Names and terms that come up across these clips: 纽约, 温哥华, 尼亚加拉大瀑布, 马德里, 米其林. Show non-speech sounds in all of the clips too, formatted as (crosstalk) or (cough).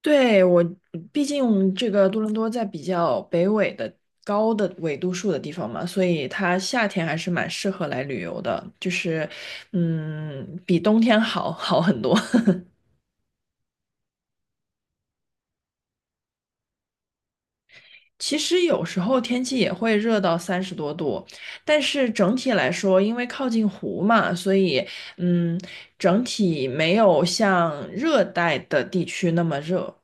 对，毕竟这个多伦多在比较北纬的高的纬度数的地方嘛，所以它夏天还是蛮适合来旅游的，就是，比冬天好 (laughs) 好很多。(laughs) 其实有时候天气也会热到30多度，但是整体来说，因为靠近湖嘛，所以嗯，整体没有像热带的地区那么热。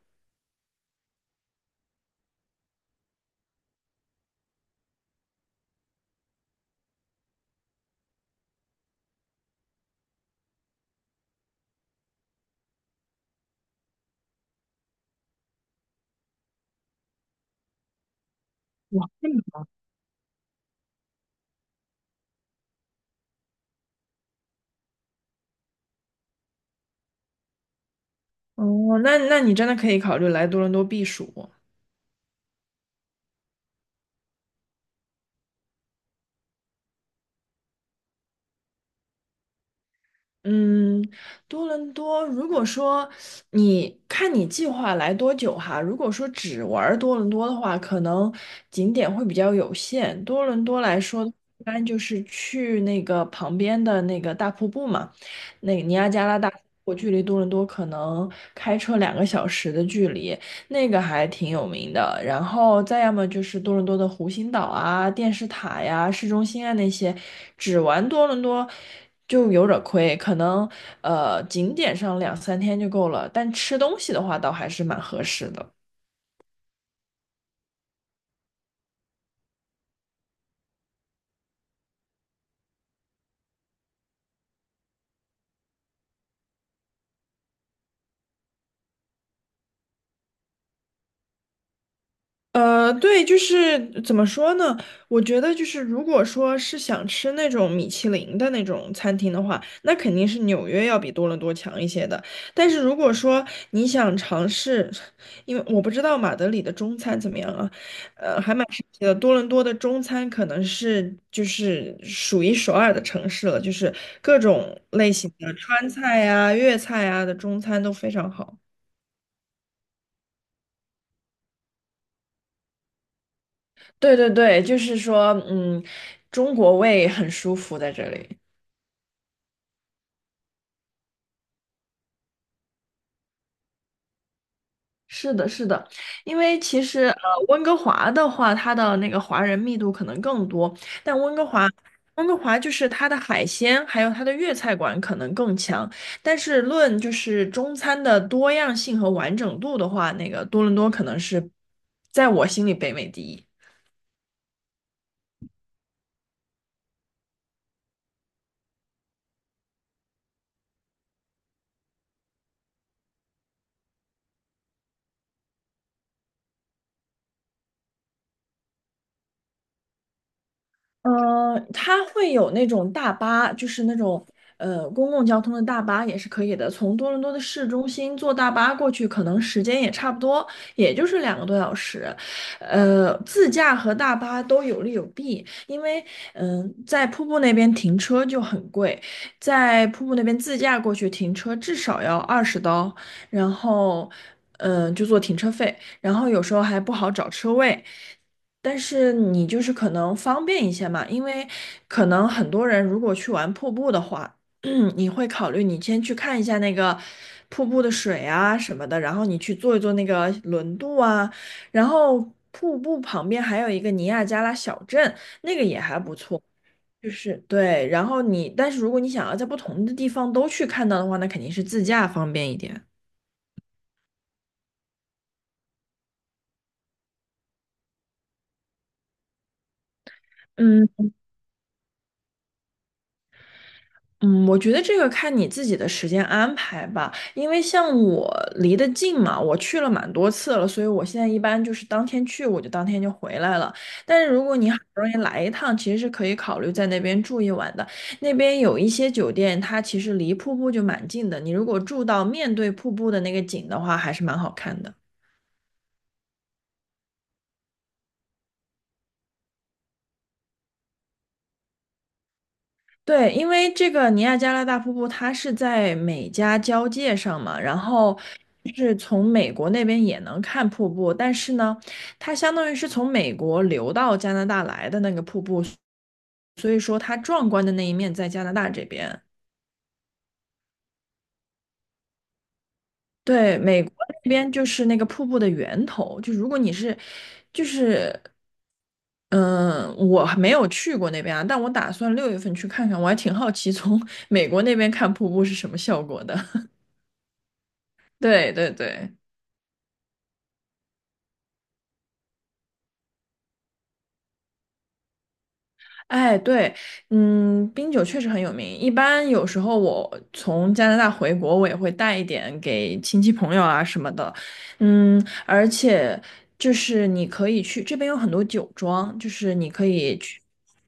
哦，那你真的可以考虑来多伦多避暑。嗯，多伦多，如果说你看你计划来多久哈，如果说只玩儿多伦多的话，可能景点会比较有限。多伦多来说，一般就是去那个旁边的那个大瀑布嘛，那个尼亚加拉大瀑布距离多伦多可能开车2个小时的距离。那个还挺有名的。然后再要么就是多伦多的湖心岛啊、电视塔呀、市中心啊那些，只玩多伦多就有点儿亏，可能景点上两三天就够了，但吃东西的话倒还是蛮合适的。对，就是怎么说呢？我觉得就是，如果说是想吃那种米其林的那种餐厅的话，那肯定是纽约要比多伦多强一些的。但是如果说你想尝试，因为我不知道马德里的中餐怎么样啊，还蛮神奇的。多伦多的中餐可能是就是数一数二的城市了，就是各种类型的川菜啊、粤菜啊的中餐都非常好。对对对，就是说，中国胃很舒服在这里。是的，是的，因为其实温哥华的话，它的那个华人密度可能更多，但温哥华就是它的海鲜还有它的粤菜馆可能更强，但是论就是中餐的多样性和完整度的话，那个多伦多可能是在我心里北美第一。嗯，它会有那种大巴，就是那种公共交通的大巴也是可以的。从多伦多的市中心坐大巴过去，可能时间也差不多，也就是两个多小时。自驾和大巴都有利有弊，因为在瀑布那边停车就很贵，在瀑布那边自驾过去停车至少要20刀，然后就做停车费，然后有时候还不好找车位。但是你就是可能方便一些嘛，因为可能很多人如果去玩瀑布的话，(clears throat) 你会考虑你先去看一下那个瀑布的水啊什么的，然后你去坐一坐那个轮渡啊，然后瀑布旁边还有一个尼亚加拉小镇，那个也还不错，就是对，然后你，但是如果你想要在不同的地方都去看到的话，那肯定是自驾方便一点。嗯。嗯，我觉得这个看你自己的时间安排吧，因为像我离得近嘛，我去了蛮多次了，所以我现在一般就是当天去，我就当天就回来了。但是如果你好不容易来一趟，其实是可以考虑在那边住一晚的。那边有一些酒店，它其实离瀑布就蛮近的，你如果住到面对瀑布的那个景的话，还是蛮好看的。对，因为这个尼亚加拉大瀑布它是在美加交界上嘛，然后就是从美国那边也能看瀑布，但是呢，它相当于是从美国流到加拿大来的那个瀑布，所以说它壮观的那一面在加拿大这边。对，美国那边就是那个瀑布的源头，就如果你是，就是，嗯、我还没有去过那边啊，但我打算6月份去看看，我还挺好奇从 (laughs) 美国那边看瀑布是什么效果的。(laughs) 对对对。哎，对，冰酒确实很有名。一般有时候我从加拿大回国，我也会带一点给亲戚朋友啊什么的。而且就是你可以去这边有很多酒庄，就是你可以去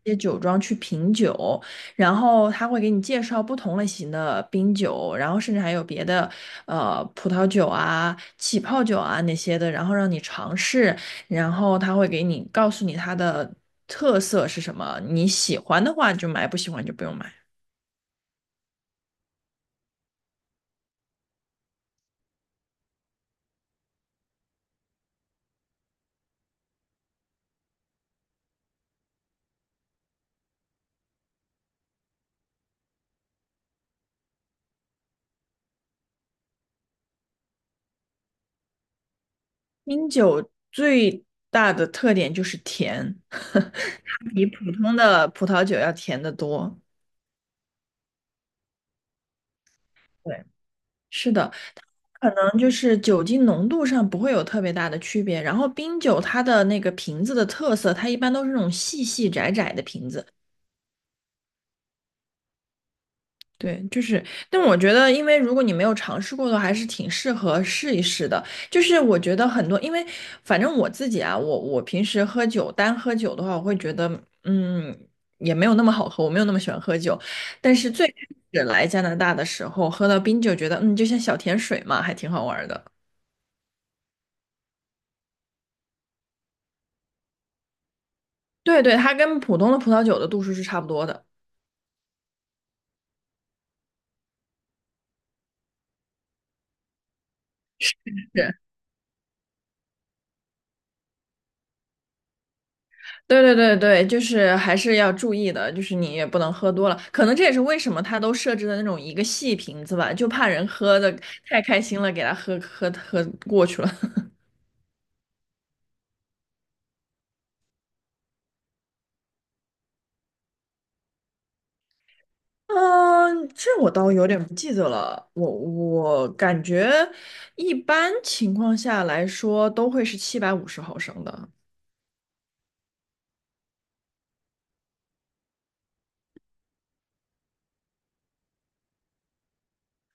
一些酒庄去品酒，然后他会给你介绍不同类型的冰酒，然后甚至还有别的葡萄酒啊、起泡酒啊那些的，然后让你尝试。然后他会给你告诉你它的特色是什么，你喜欢的话就买，不喜欢就不用买。冰酒最大的特点就是甜，(laughs) 它比普通的葡萄酒要甜得多。对，是的，可能就是酒精浓度上不会有特别大的区别。然后冰酒它的那个瓶子的特色，它一般都是那种细细窄窄的瓶子。对，就是，但我觉得，因为如果你没有尝试过的话，还是挺适合试一试的。就是我觉得很多，因为反正我自己啊，我平时喝酒，单喝酒的话，我会觉得，嗯，也没有那么好喝，我没有那么喜欢喝酒。但是最开始来加拿大的时候，喝到冰酒，觉得就像小甜水嘛，还挺好玩儿的。对对，它跟普通的葡萄酒的度数是差不多的。对对对对，就是还是要注意的，就是你也不能喝多了。可能这也是为什么他都设置的那种一个细瓶子吧，就怕人喝的太开心了，给他喝喝喝过去了。(laughs) 嗯，这我倒有点不记得了。我感觉一般情况下来说都会是750毫升的。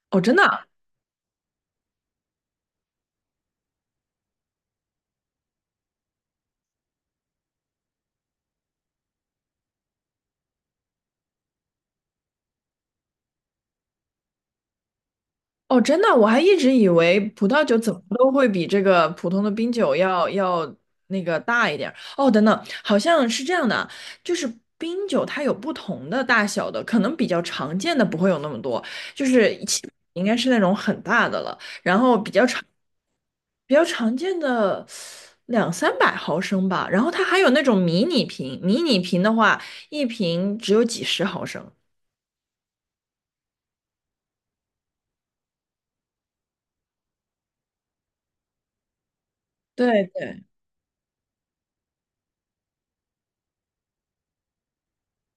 哦，真的？哦，真的，我还一直以为葡萄酒怎么都会比这个普通的冰酒要那个大一点儿。哦，等等，好像是这样的啊就是冰酒它有不同的大小的，可能比较常见的不会有那么多，就是起应该是那种很大的了，比较常见的两三百毫升吧。然后它还有那种迷你瓶，迷你瓶的话，一瓶只有几十毫升。对对。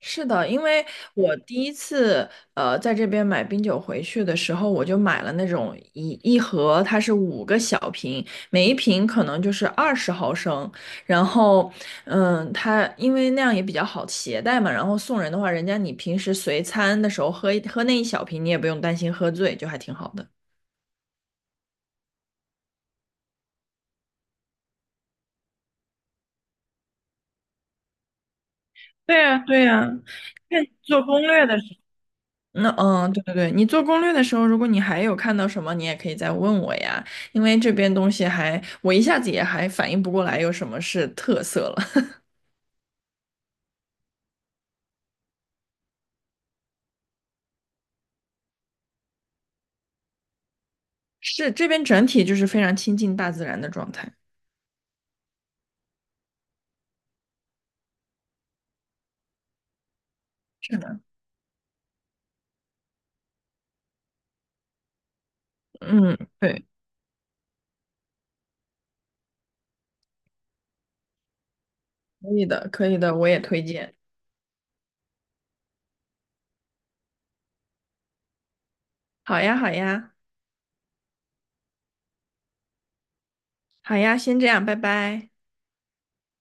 是的，因为我第一次在这边买冰酒回去的时候，我就买了那种一盒，它是5个小瓶，每一瓶可能就是20毫升。然后，它因为那样也比较好携带嘛。然后送人的话，人家你平时随餐的时候喝一喝那一小瓶，你也不用担心喝醉，就还挺好的。对呀，对呀，看做攻略的时候。那对对对，你做攻略的时候，如果你还有看到什么，你也可以再问我呀，因为这边东西还，我一下子也还反应不过来有什么是特色了。(laughs) 是这边整体就是非常亲近大自然的状态。是的，嗯，对，可以的，可以的，我也推荐。好呀，好呀，好呀，先这样，拜拜。